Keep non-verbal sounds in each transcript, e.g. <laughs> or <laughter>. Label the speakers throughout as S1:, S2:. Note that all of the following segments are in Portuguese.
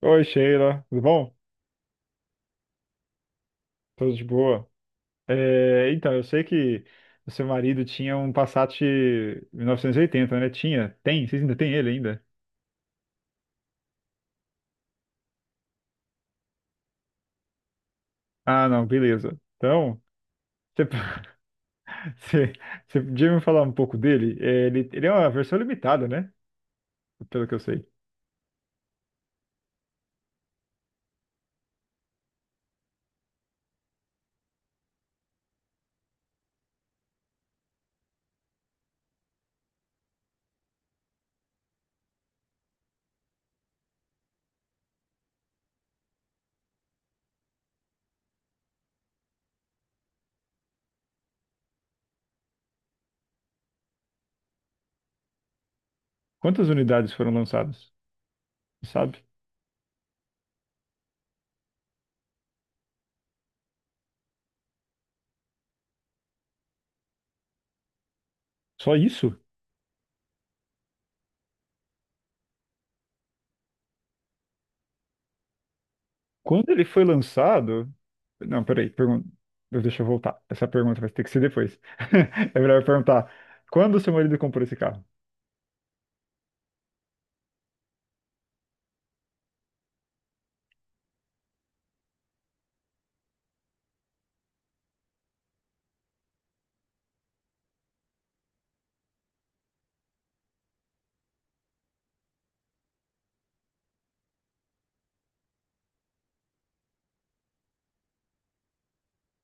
S1: Oi, Sheila. Tudo bom? Tudo de boa. É, então, eu sei que o seu marido tinha um Passat 1980, né? Tinha? Tem? Vocês ainda têm ele ainda? Ah, não, beleza. Então, você, <laughs> você, você podia me falar um pouco dele? É, ele é uma versão limitada, né? Pelo que eu sei. Quantas unidades foram lançadas? Sabe? Só isso? Quando ele foi lançado. Não, peraí, deixa eu voltar. Essa pergunta vai ter que ser depois. <laughs> É melhor eu perguntar: quando seu marido comprou esse carro?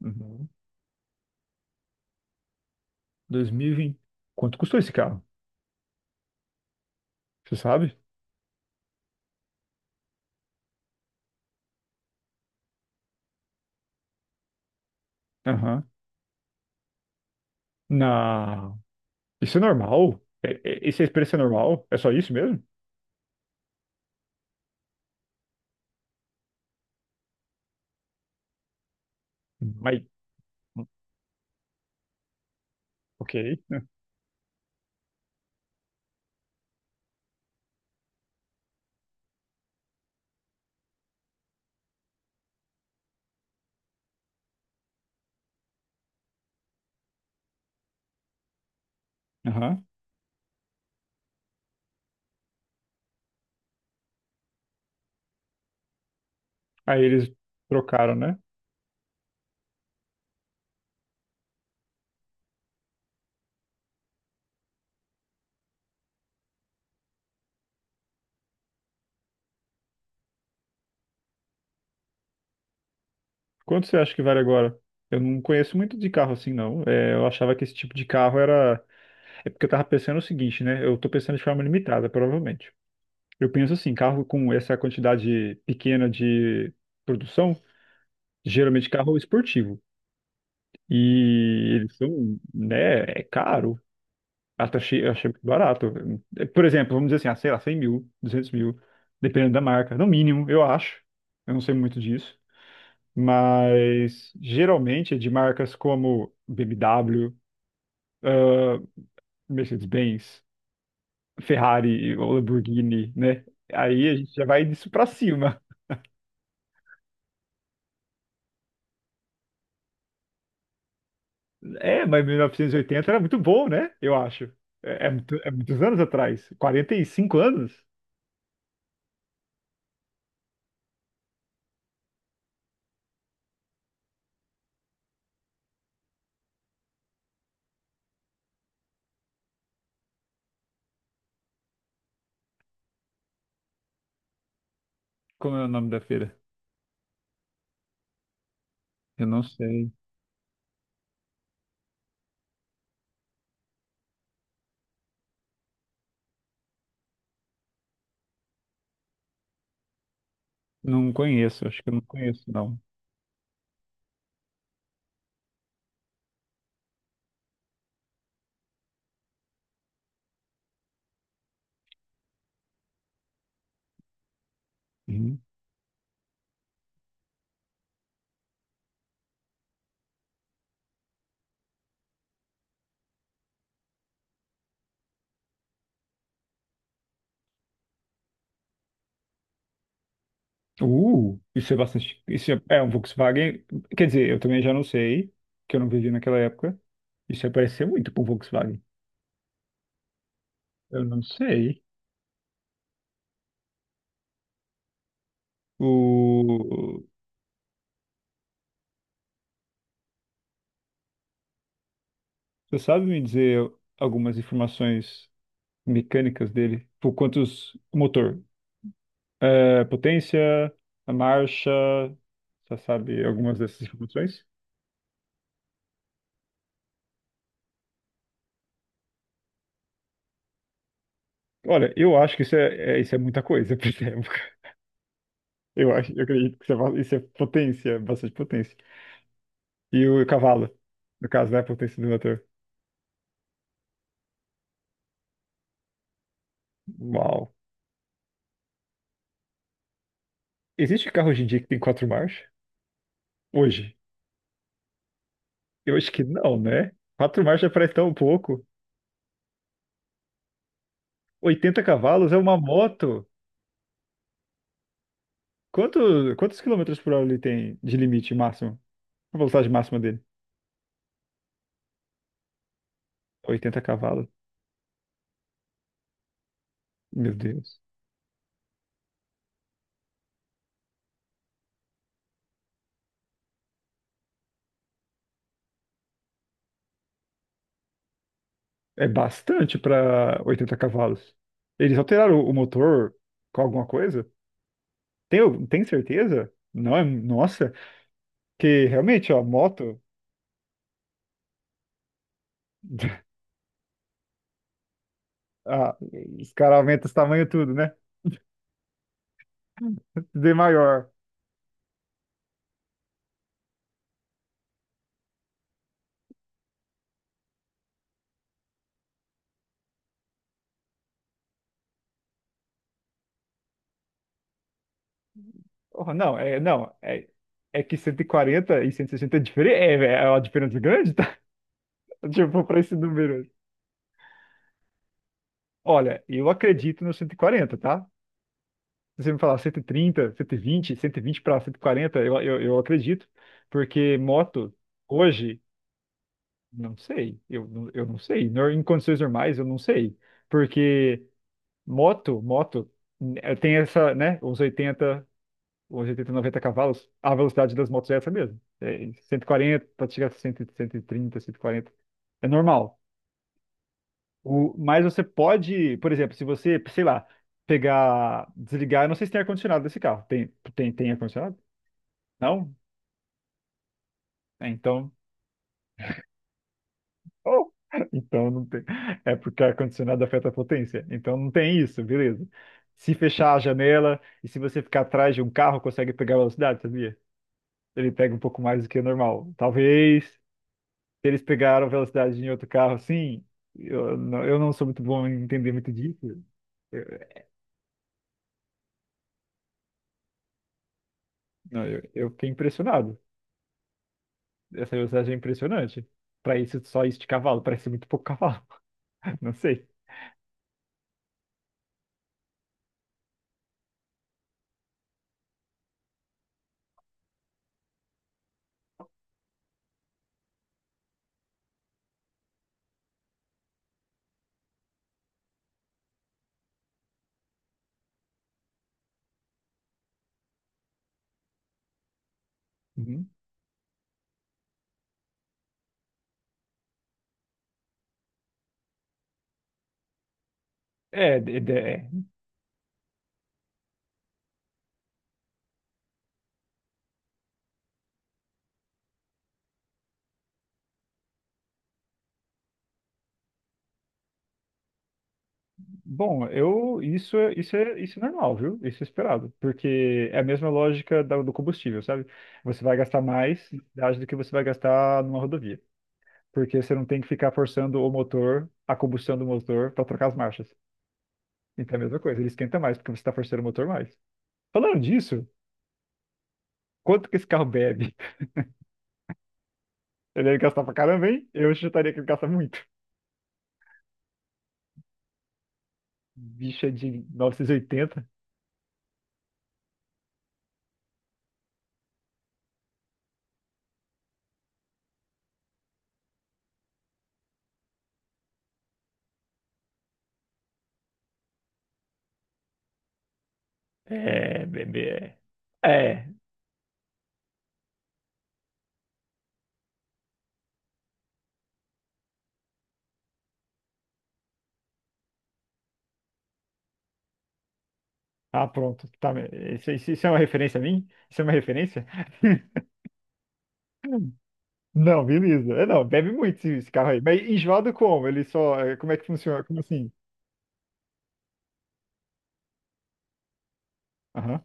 S1: Uhum. 2020. Quanto custou esse carro? Você sabe? Aham. Não. Isso é normal? Esse preço é normal? É só isso mesmo? Mas, ok. Aham. Aí eles trocaram, né? Quanto você acha que vale agora? Eu não conheço muito de carro assim, não. É, eu achava que esse tipo de carro era. É porque eu tava pensando o seguinte, né? Eu tô pensando de forma limitada, provavelmente. Eu penso assim, carro com essa quantidade pequena de produção, geralmente carro esportivo. E eles são, né? É caro. Até achei, eu achei muito barato. Por exemplo, vamos dizer assim, ah, sei lá, 100 mil, 200 mil, dependendo da marca. No mínimo, eu acho. Eu não sei muito disso. Mas geralmente é de marcas como BMW, Mercedes-Benz, Ferrari ou Lamborghini, né? Aí a gente já vai disso pra cima. É, mas 1980 era muito bom, né? Eu acho. É, é muitos anos atrás. 45 anos? Como é o nome da feira? Eu não sei. Não conheço, acho que eu não conheço, não. Uhum. Isso é bastante. Isso é um Volkswagen. Quer dizer, eu também já não sei, que eu não vivi naquela época. Isso ia parecer muito com Volkswagen. Eu não sei. O... Você sabe me dizer algumas informações mecânicas dele? O motor. É, potência, a marcha... Você sabe algumas dessas informações? Olha, eu acho que isso isso é muita coisa <laughs> pra essa. Eu acredito que isso é potência, bastante potência. E o cavalo, no caso, né? A potência do motor. Uau. Existe carro hoje em dia que tem quatro marchas? Hoje? Eu acho que não, né? Quatro marchas parece tão pouco. 80 cavalos é uma moto. Quantos quilômetros por hora ele tem de limite máximo? A velocidade máxima dele? 80 cavalos. Meu Deus. É bastante para 80 cavalos. Eles alteraram o motor com alguma coisa? Tem certeza? Não é, nossa, que realmente, ó, moto, <laughs> ah, os caras aumentam os tamanhos tudo, né? Tudo é maior. Oh, não, é, não, é que 140 e 160 é diferente, é uma diferença grande, tá? <laughs> Tipo, para esse número. Olha, eu acredito no 140, tá? Se você me falar 130, 120 para 140, eu acredito, porque moto hoje, não sei, eu não sei, em condições normais eu não sei, porque moto tem essa, né, uns 80, 90 cavalos, a velocidade das motos é essa mesmo, é 140, pode chegar a 100, 130, 140, é normal. Mas você pode, por exemplo, se você, sei lá, pegar, desligar, eu não sei se tem ar-condicionado nesse carro. Tem ar-condicionado? Não? É. Oh, <laughs> então não tem. É porque ar-condicionado afeta a potência. Então não tem isso, beleza. Se fechar a janela e se você ficar atrás de um carro, consegue pegar a velocidade, sabia? Ele pega um pouco mais do que o normal. Talvez, se eles pegaram velocidade em outro carro, sim. Eu não sou muito bom em entender muito disso. Eu, não, eu fiquei impressionado. Essa velocidade é impressionante. Pra isso, só isso de cavalo, parece muito pouco cavalo. <laughs> Não sei. Uhum. É. Bom, eu isso é isso é isso é normal, viu? Isso é esperado, porque é a mesma lógica do combustível, sabe? Você vai gastar mais na cidade do que você vai gastar numa rodovia, porque você não tem que ficar forçando o motor, a combustão do motor para trocar as marchas. Então é a mesma coisa, ele esquenta mais porque você está forçando o motor mais. Falando disso, quanto que esse carro bebe? <laughs> Ele deve gastar pra caramba, hein? Eu chutaria que ele gasta muito. Bicha de 1980. É, bebê. É. Ah, pronto. Tá, isso é uma referência a mim? Isso é uma referência? <laughs> Não, beleza. É, não, bebe muito esse carro aí. Mas enjoado como? Ele só. Como é que funciona? Como assim? Aham.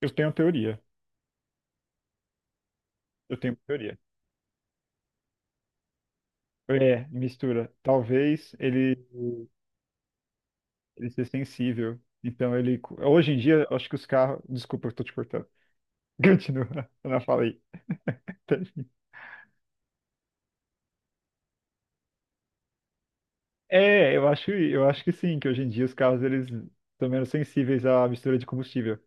S1: Eu tenho teoria. Eu tenho teoria. É, mistura. Talvez ele seja sensível. Então ele. Hoje em dia, eu acho que os carros. Desculpa, eu tô te cortando. <laughs> Continua. Eu não falei. É, eu acho que sim, que hoje em dia os carros eles estão menos sensíveis à mistura de combustível.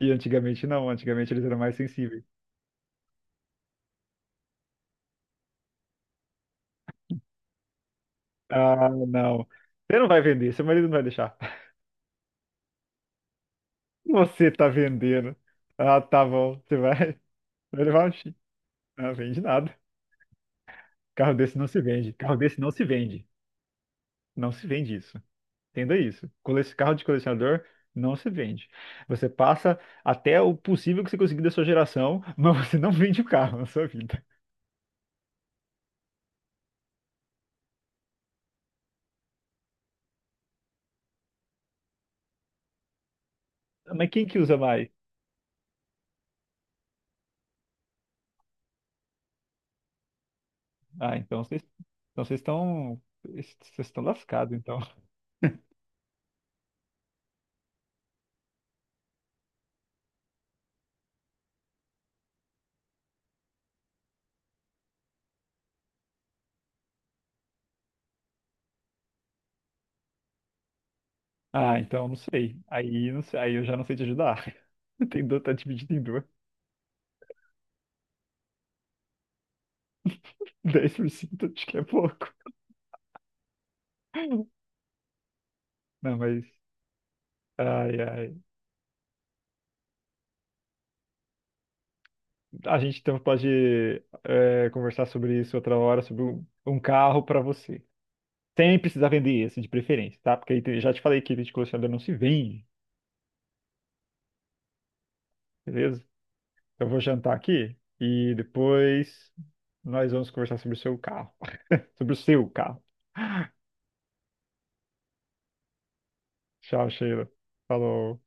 S1: E antigamente não, antigamente eles eram mais sensíveis. Ah, não. Você não vai vender, seu marido não vai deixar. <laughs> Você tá vendendo. Ah, tá bom, você vai, <laughs> vai levar um X. Não vende nada. Carro desse não se vende. Carro desse não se vende. Não se vende isso. Entenda isso. Carro de colecionador não se vende. Você passa até o possível que você conseguir da sua geração, <laughs> mas você não vende o carro na sua vida. Mas quem que usa mais? Ah, então vocês estão lascados, então. Ah, então não sei. Aí, não sei, aí eu já não sei te ajudar. <laughs> Tem dor, tá dividido em duas. <laughs> 10% acho que é pouco. Não, mas. Ai, ai. A gente então pode conversar sobre isso outra hora, sobre um carro para você. Sem precisar vender esse, de preferência, tá? Porque aí já te falei que item de colecionador não se vende, beleza? Eu vou jantar aqui e depois nós vamos conversar sobre o seu carro. <laughs> Sobre o seu carro. Tchau, Sheila. Falou.